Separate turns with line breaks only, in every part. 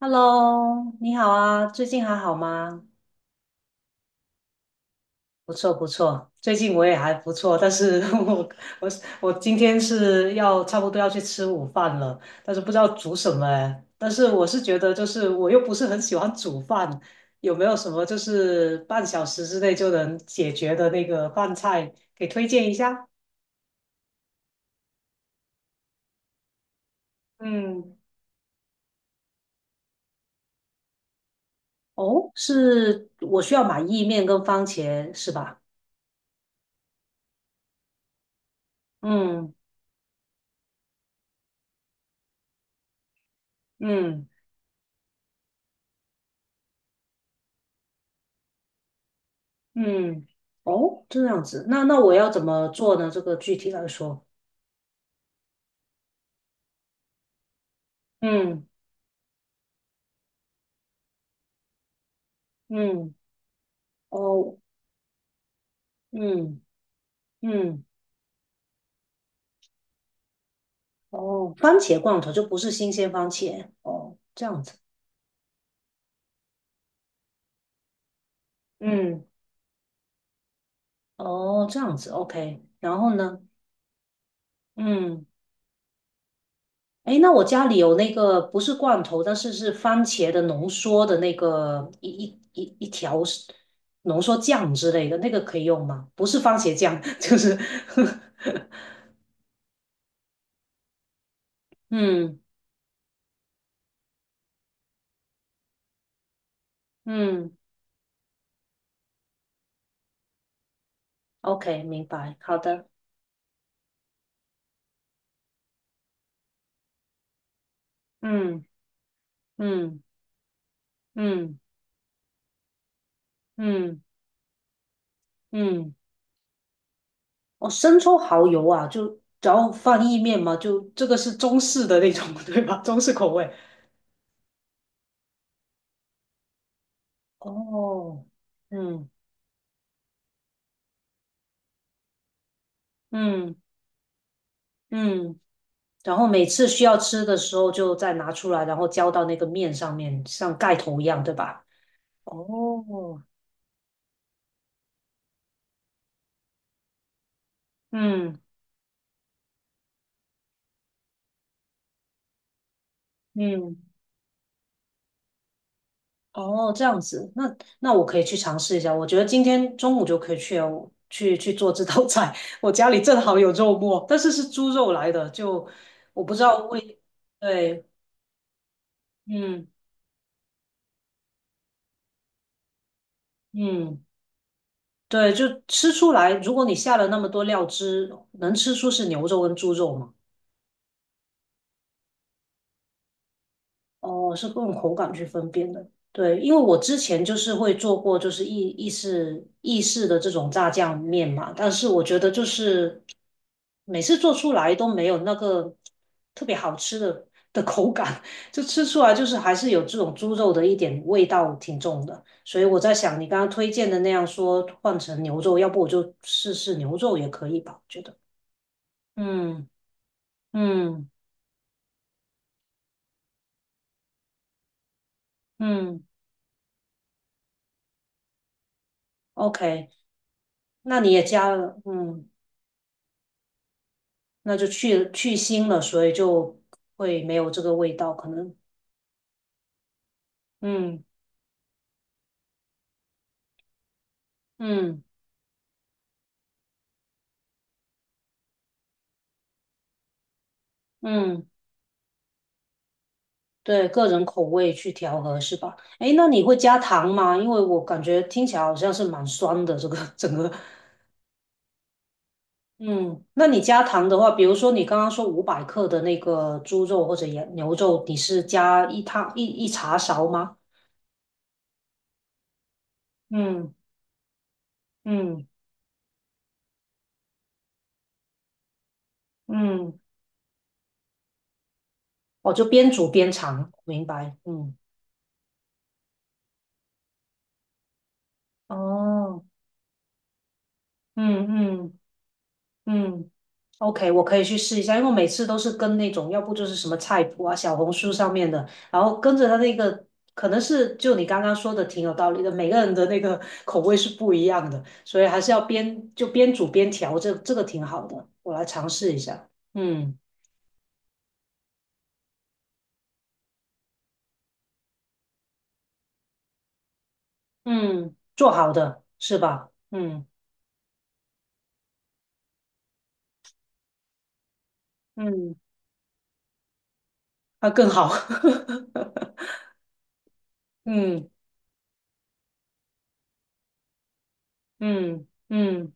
Hello，你好啊，最近还好吗？不错不错，最近我也还不错，但是 我我今天是要差不多要去吃午饭了，但是不知道煮什么哎。但是我是觉得就是我又不是很喜欢煮饭，有没有什么就是半小时之内就能解决的那个饭菜给推荐一下？嗯，哦，是我需要买意面跟番茄是吧？嗯嗯。嗯，哦，这样子，那我要怎么做呢？这个具体来说，嗯嗯，哦，嗯嗯，哦，番茄罐头就不是新鲜番茄，哦，这样子，嗯，哦，这样子，OK，然后呢，嗯，诶，那我家里有那个不是罐头，但是是番茄的浓缩的那个一条是浓缩酱之类的，那个可以用吗？不是番茄酱，就是 嗯。嗯 OK，明白，好的，嗯嗯嗯嗯嗯，哦，生抽蚝油啊，就只要放意面嘛，就这个是中式的那种，对吧？中式口味。哦，嗯嗯嗯，然后每次需要吃的时候就再拿出来，然后浇到那个面上面，像盖头一样，对吧？哦，嗯嗯。哦，这样子，那我可以去尝试一下。我觉得今天中午就可以去哦去做这道菜。我家里正好有肉末，但是是猪肉来的，就我不知道味。对，嗯嗯，对，就吃出来。如果你下了那么多料汁，能吃出是牛肉跟猪肉吗？哦，是用口感去分辨的。对，因为我之前就是会做过，就是意式的这种炸酱面嘛，但是我觉得就是每次做出来都没有那个特别好吃的的口感，就吃出来就是还是有这种猪肉的一点味道挺重的。所以我在想，你刚刚推荐的那样说换成牛肉，要不我就试试牛肉也可以吧？我觉得，嗯嗯嗯，OK，那你也加了，嗯。那就去腥了，所以就会没有这个味道，可能，嗯嗯嗯，对，个人口味去调和是吧？诶，那你会加糖吗？因为我感觉听起来好像是蛮酸的，这个整个，嗯，那你加糖的话，比如说你刚刚说500克的那个猪肉或者羊牛肉，你是加一汤一茶勺吗？嗯嗯嗯，哦，就边煮边尝，明白，嗯，哦，嗯嗯。嗯 OK，我可以去试一下，因为我每次都是跟那种，要不就是什么菜谱啊、小红书上面的，然后跟着他那个，可能是就你刚刚说的挺有道理的，每个人的那个 口味是不一样的，所以还是要边就边煮边调，这个挺好的，我来尝试一下。嗯嗯，做好的是吧？嗯嗯，那更好。嗯嗯嗯。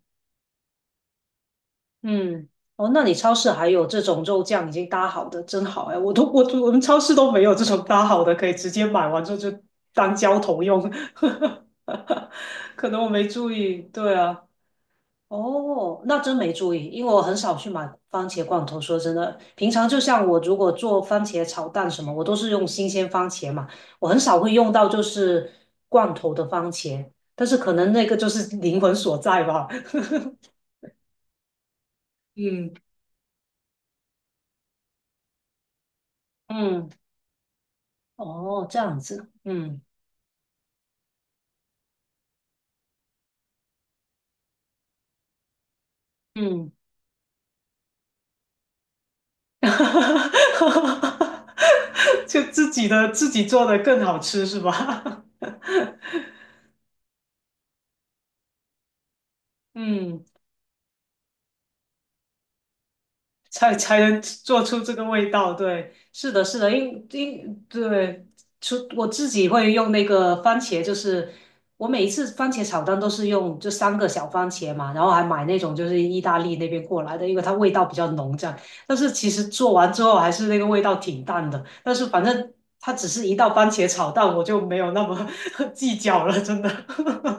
嗯，哦，那你超市还有这种肉酱已经搭好的，真好哎！我们超市都没有这种搭好的，可以直接买完之后就当浇头用。可能我没注意，对啊，哦，那真没注意，因为我很少去买番茄罐头。说真的，平常就像我如果做番茄炒蛋什么，我都是用新鲜番茄嘛，我很少会用到就是罐头的番茄，但是可能那个就是灵魂所在吧。嗯，嗯。哦，这样子，嗯嗯，就自己做的更好吃是吧？嗯。才能做出这个味道。对，是的，是的，因对，出我自己会用那个番茄，就是我每一次番茄炒蛋都是用这三个小番茄嘛，然后还买那种就是意大利那边过来的，因为它味道比较浓这样。但是其实做完之后还是那个味道挺淡的，但是反正它只是一道番茄炒蛋，我就没有那么 计较了，真的。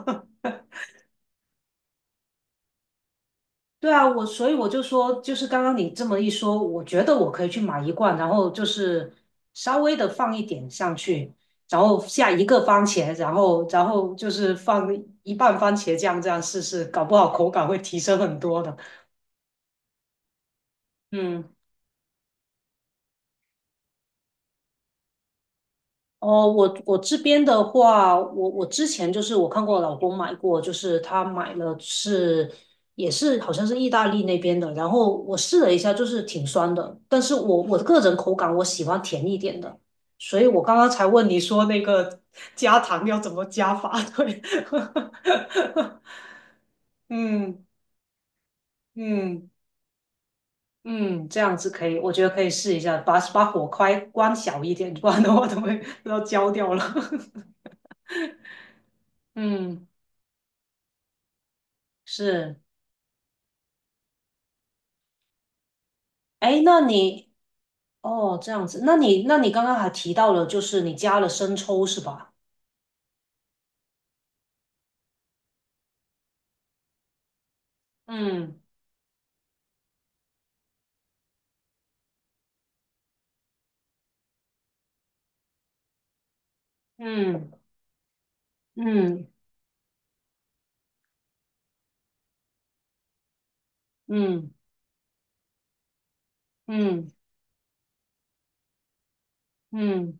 对啊，我所以我就说，就是刚刚你这么一说，我觉得我可以去买一罐，然后就是稍微的放一点上去，然后下一个番茄，然后就是放一半番茄酱这样试试，搞不好口感会提升很多的。嗯。哦，我这边的话，我之前就是我看过我老公买过，就是他买了是也是好像是意大利那边的，然后我试了一下，就是挺酸的，但是我个人口感我喜欢甜一点的，所以我刚刚才问你说那个 加糖要怎么加法，对，嗯嗯嗯，这样子可以，我觉得可以试一下，把火开关小一点，不然的话都会都要焦掉了，嗯，是。哎，那你哦这样子，那你刚刚还提到了，就是你加了生抽是吧？嗯嗯嗯嗯嗯嗯，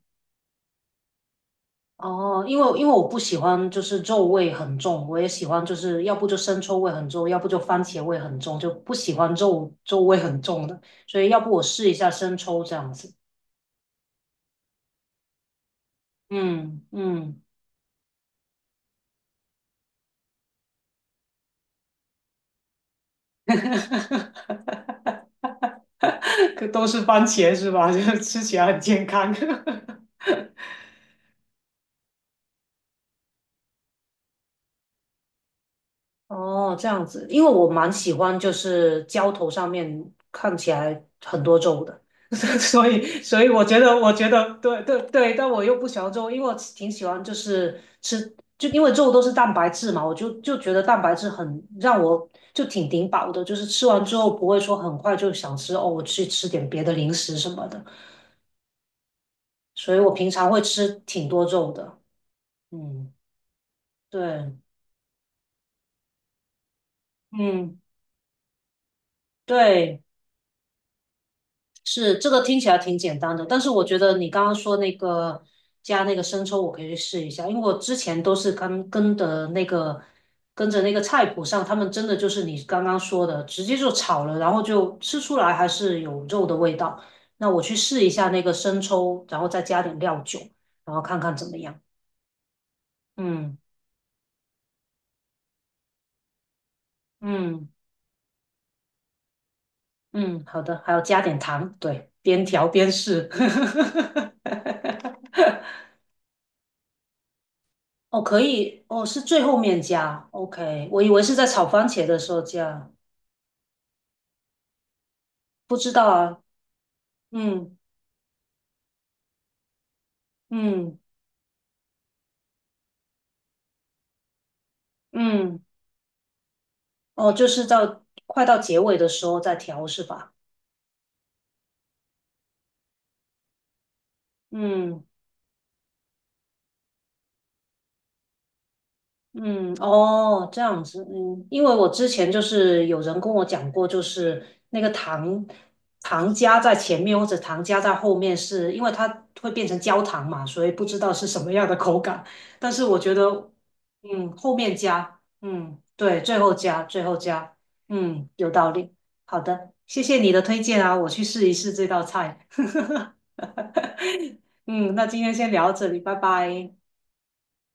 哦，因为我不喜欢就是肉味很重，我也喜欢就是要不就生抽味很重，要不就番茄味很重，就不喜欢肉味很重的，所以要不我试一下生抽这样子。嗯嗯，可都是番茄是吧？就是吃起来很健康。哦，这样子，因为我蛮喜欢就是浇头上面看起来很多皱的，所以我觉得对对对，但我又不喜欢皱，因为我挺喜欢就是吃，就因为皱都是蛋白质嘛，我就觉得蛋白质很让我就挺顶饱的，就是吃完之后不会说很快就想吃哦，我去吃点别的零食什么的，所以我平常会吃挺多肉的，嗯，对，嗯，对。是这个听起来挺简单的，但是我觉得你刚刚说那个加那个生抽，我可以去试一下，因为我之前都是跟的那个跟着那个菜谱上，他们真的就是你刚刚说的，直接就炒了，然后就吃出来还是有肉的味道。那我去试一下那个生抽，然后再加点料酒，然后看看怎么样。嗯嗯嗯，好的，还要加点糖，对，边调边试。哦，可以，哦，是最后面加，OK，我以为是在炒番茄的时候加，不知道啊，嗯嗯嗯，哦，就是到快到结尾的时候再调是吧？嗯。嗯，哦，这样子，嗯，因为我之前就是有人跟我讲过，就是那个糖加在前面或者糖加在后面是，因为它会变成焦糖嘛，所以不知道是什么样的口感。但是我觉得，嗯，后面加，嗯，对，最后加，最后加，嗯，有道理。好的，谢谢你的推荐啊，我去试一试这道菜。嗯，那今天先聊到这里，拜拜。